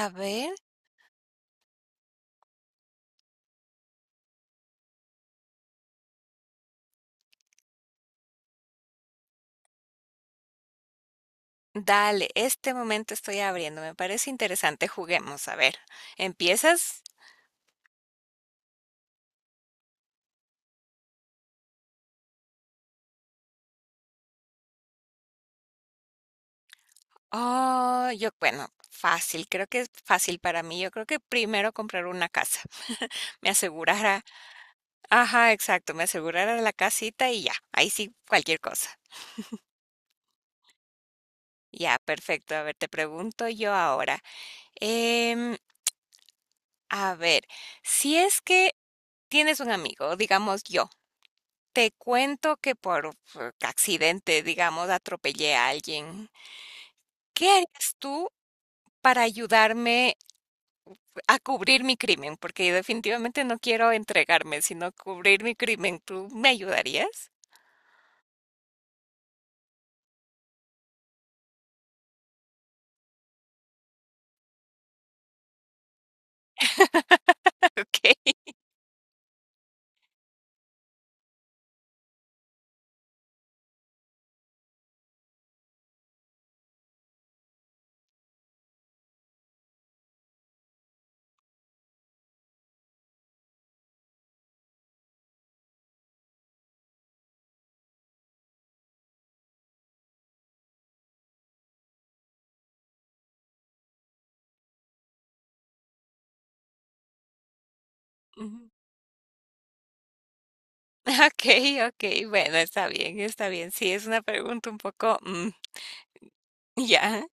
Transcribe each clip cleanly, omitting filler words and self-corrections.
A ver, dale, este momento estoy abriendo, me parece interesante, juguemos, a ver, ¿empiezas? Oh, yo, bueno, fácil, creo que es fácil para mí, yo creo que primero comprar una casa, me asegurara, ajá, exacto, me asegurara la casita y ya, ahí sí, cualquier cosa. Ya, perfecto, a ver, te pregunto yo ahora, em, a ver, si es que tienes un amigo, digamos yo, te cuento que por accidente, digamos, atropellé a alguien. ¿Qué harías tú para ayudarme a cubrir mi crimen? Porque yo definitivamente no quiero entregarme, sino cubrir mi crimen. ¿Tú me ayudarías? Ok. Ujú. Ok, ok, bueno, está bien, está bien. Sí, es una pregunta un poco, ya.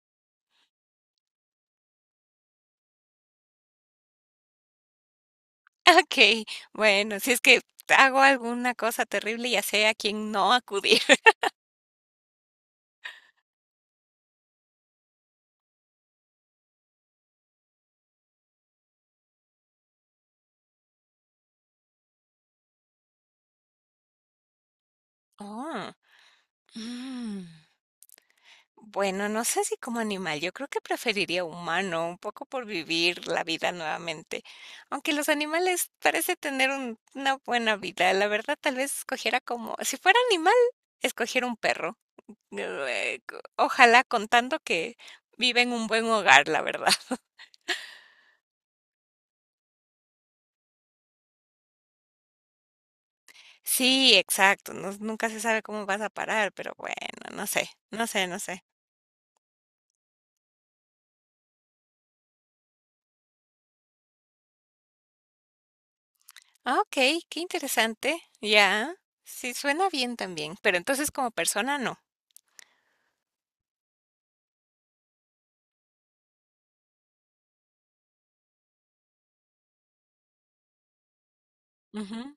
Ok, bueno, si es que hago alguna cosa terrible, ya sé a quién no acudir. Oh, mm. Bueno, no sé si como animal, yo creo que preferiría humano, un poco por vivir la vida nuevamente. Aunque los animales parece tener una buena vida, la verdad tal vez escogiera como, si fuera animal, escogiera un perro. Ojalá contando que vive en un buen hogar, la verdad. Sí, exacto, nunca se sabe cómo vas a parar, pero bueno, no sé. Ah, ok, qué interesante, ya, sí, suena bien también, pero entonces como persona no. Ujú.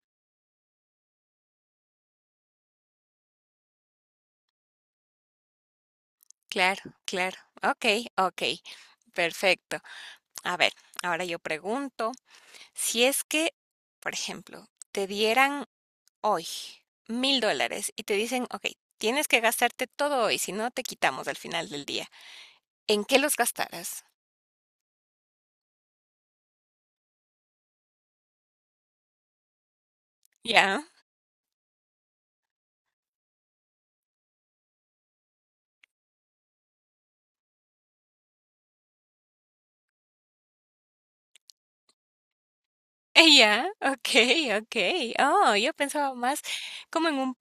Claro, claro. Okey, okey. Perfecto. A ver, ahora yo pregunto, si es que, por ejemplo, te dieran hoy $1000 y te dicen: "Okey, tienes que gastarte todo hoy, si no te quitamos al final del día", ¿en qué los gastarás? Ya, ya, okey, okey. Oh, yo pensaba más como en un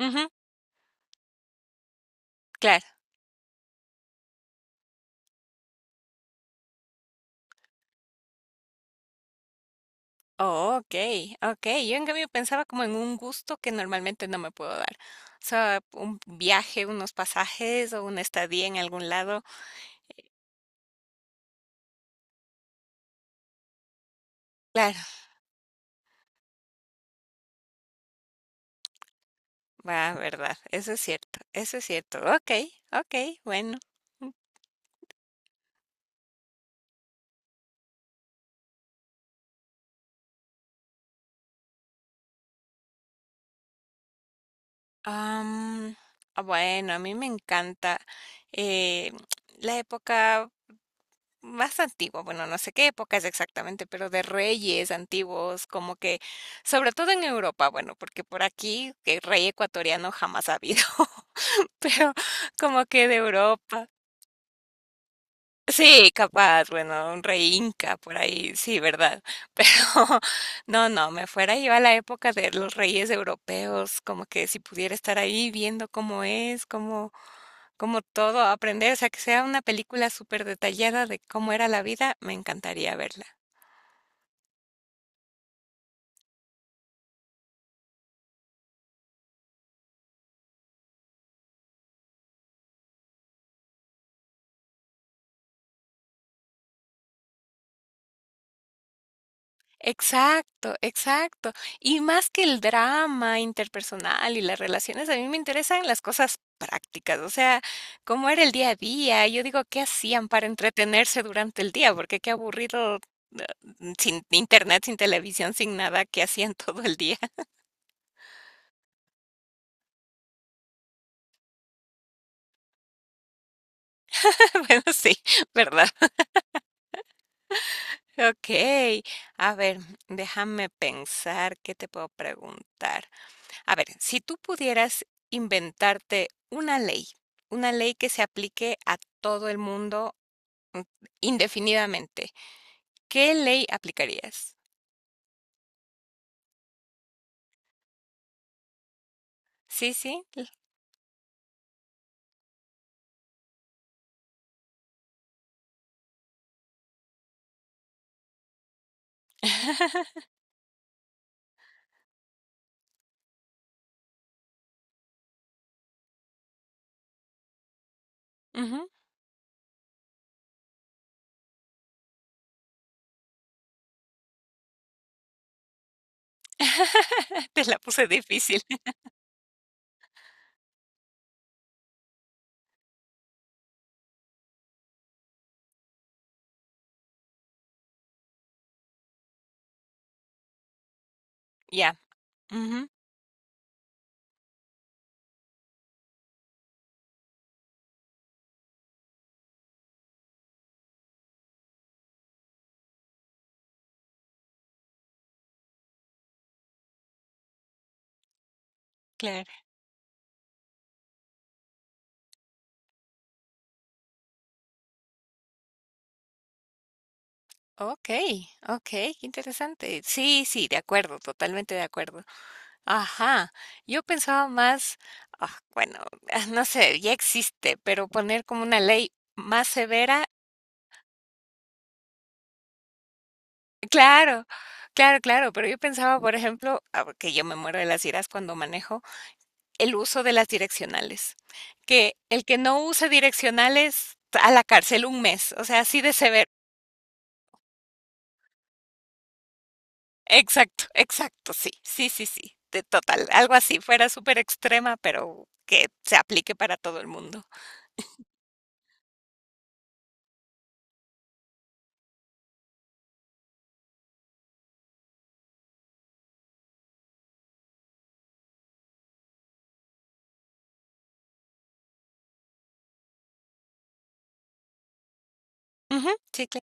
ujú, claro. Oh, okay, okey. Yo en cambio pensaba como en un gusto que normalmente no me puedo dar. O sea, un viaje, unos pasajes o una estadía en algún lado. Claro, va, verdad, eso es cierto, eso es cierto. Okay, okay, bueno. Mm, am, bueno, a mí me encanta, eh, la época más antiguo, bueno, no sé qué época es exactamente, pero de reyes antiguos, como que, sobre todo en Europa, bueno, porque por aquí que rey ecuatoriano jamás ha habido, pero como que de Europa. Sí, capaz, bueno, un rey inca por ahí, sí, ¿verdad? Pero no, no, me fuera yo a la época de los reyes europeos, como que si pudiera estar ahí viendo cómo es, cómo, cómo todo aprender, o sea, que sea una película súper detallada de cómo era la vida, me encantaría verla. Exacto, exacto. Y más que el drama interpersonal y las relaciones, a mí me interesan las cosas prácticas, o sea, cómo era el día a día. Yo digo, ¿qué hacían para entretenerse durante el día? Porque qué aburrido, eh, sin internet, sin televisión, sin nada, ¿qué hacían todo el día? Bueno, sí, ¿verdad? Ok, a ver, déjame pensar qué te puedo preguntar. A ver, si tú pudieras inventarte una ley que se aplique a todo el mundo mm, indefinidamente, ¿qué ley aplicarías? Sí, sí. l- Ujú. Te la puse difícil. Ya, ujú, claro. Ok, ok, qué interesante. Sí, sí, de acuerdo, totalmente de acuerdo. Ajá. Yo pensaba más, ah, bueno, no sé, ya existe, pero poner como una ley más severa. Claro, claro, pero yo pensaba, por ejemplo, ah, que yo me muero de las iras cuando manejo, el uso de las direccionales, que el que no use direccionales a la cárcel 1 mes, o sea, así de severo. Exacto, exacto, sí, sí, sí, sí, de total, algo así, fuera súper extrema, pero que se aplique para todo el mundo. Ujú, sí, claro.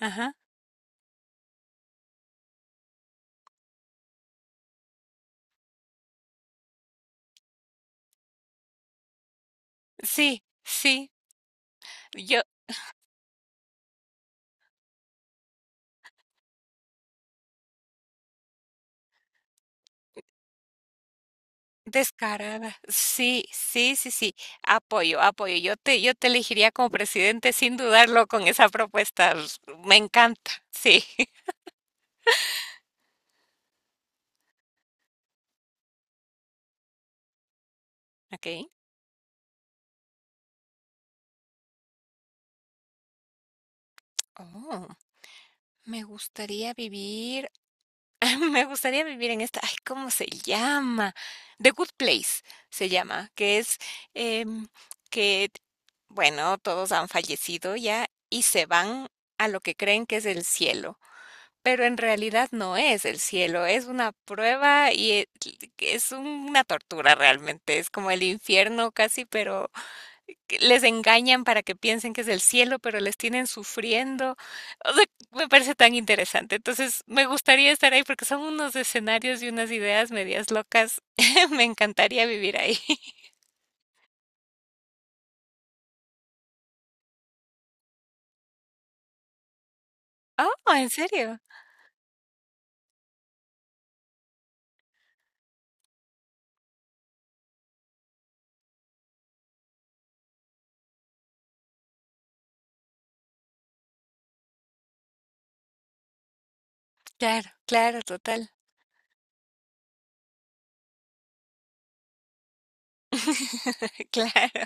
Ajá, sí, sí, yo. Descarada. Sí, sí, sí, sí. Apoyo, apoyo. Yo te elegiría como presidente sin dudarlo con esa propuesta. Me encanta. Sí. Ok. Oh, me gustaría vivir, me gustaría vivir en esta, ay, ¿cómo se llama? The Good Place se llama, que es em, que, bueno, todos han fallecido ya y se van a lo que creen que es el cielo. Pero en realidad no es el cielo, es una prueba y es una tortura realmente, es como el infierno casi, pero que les engañan para que piensen que es el cielo, pero les tienen sufriendo. O sea, me parece tan interesante. Entonces, me gustaría estar ahí porque son unos escenarios y unas ideas medias locas. Me encantaría vivir ahí. Oh, ¿en serio? Claro, claro, total. Claro.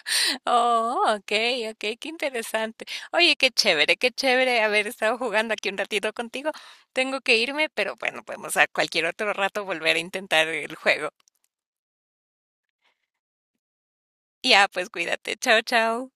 Oh, okey, okey, qué interesante. Oye, qué chévere haber estado jugando aquí un ratito contigo. Tengo que irme, pero bueno, podemos a cualquier otro rato volver a intentar el juego. Ya, pues cuídate. Chao, chao.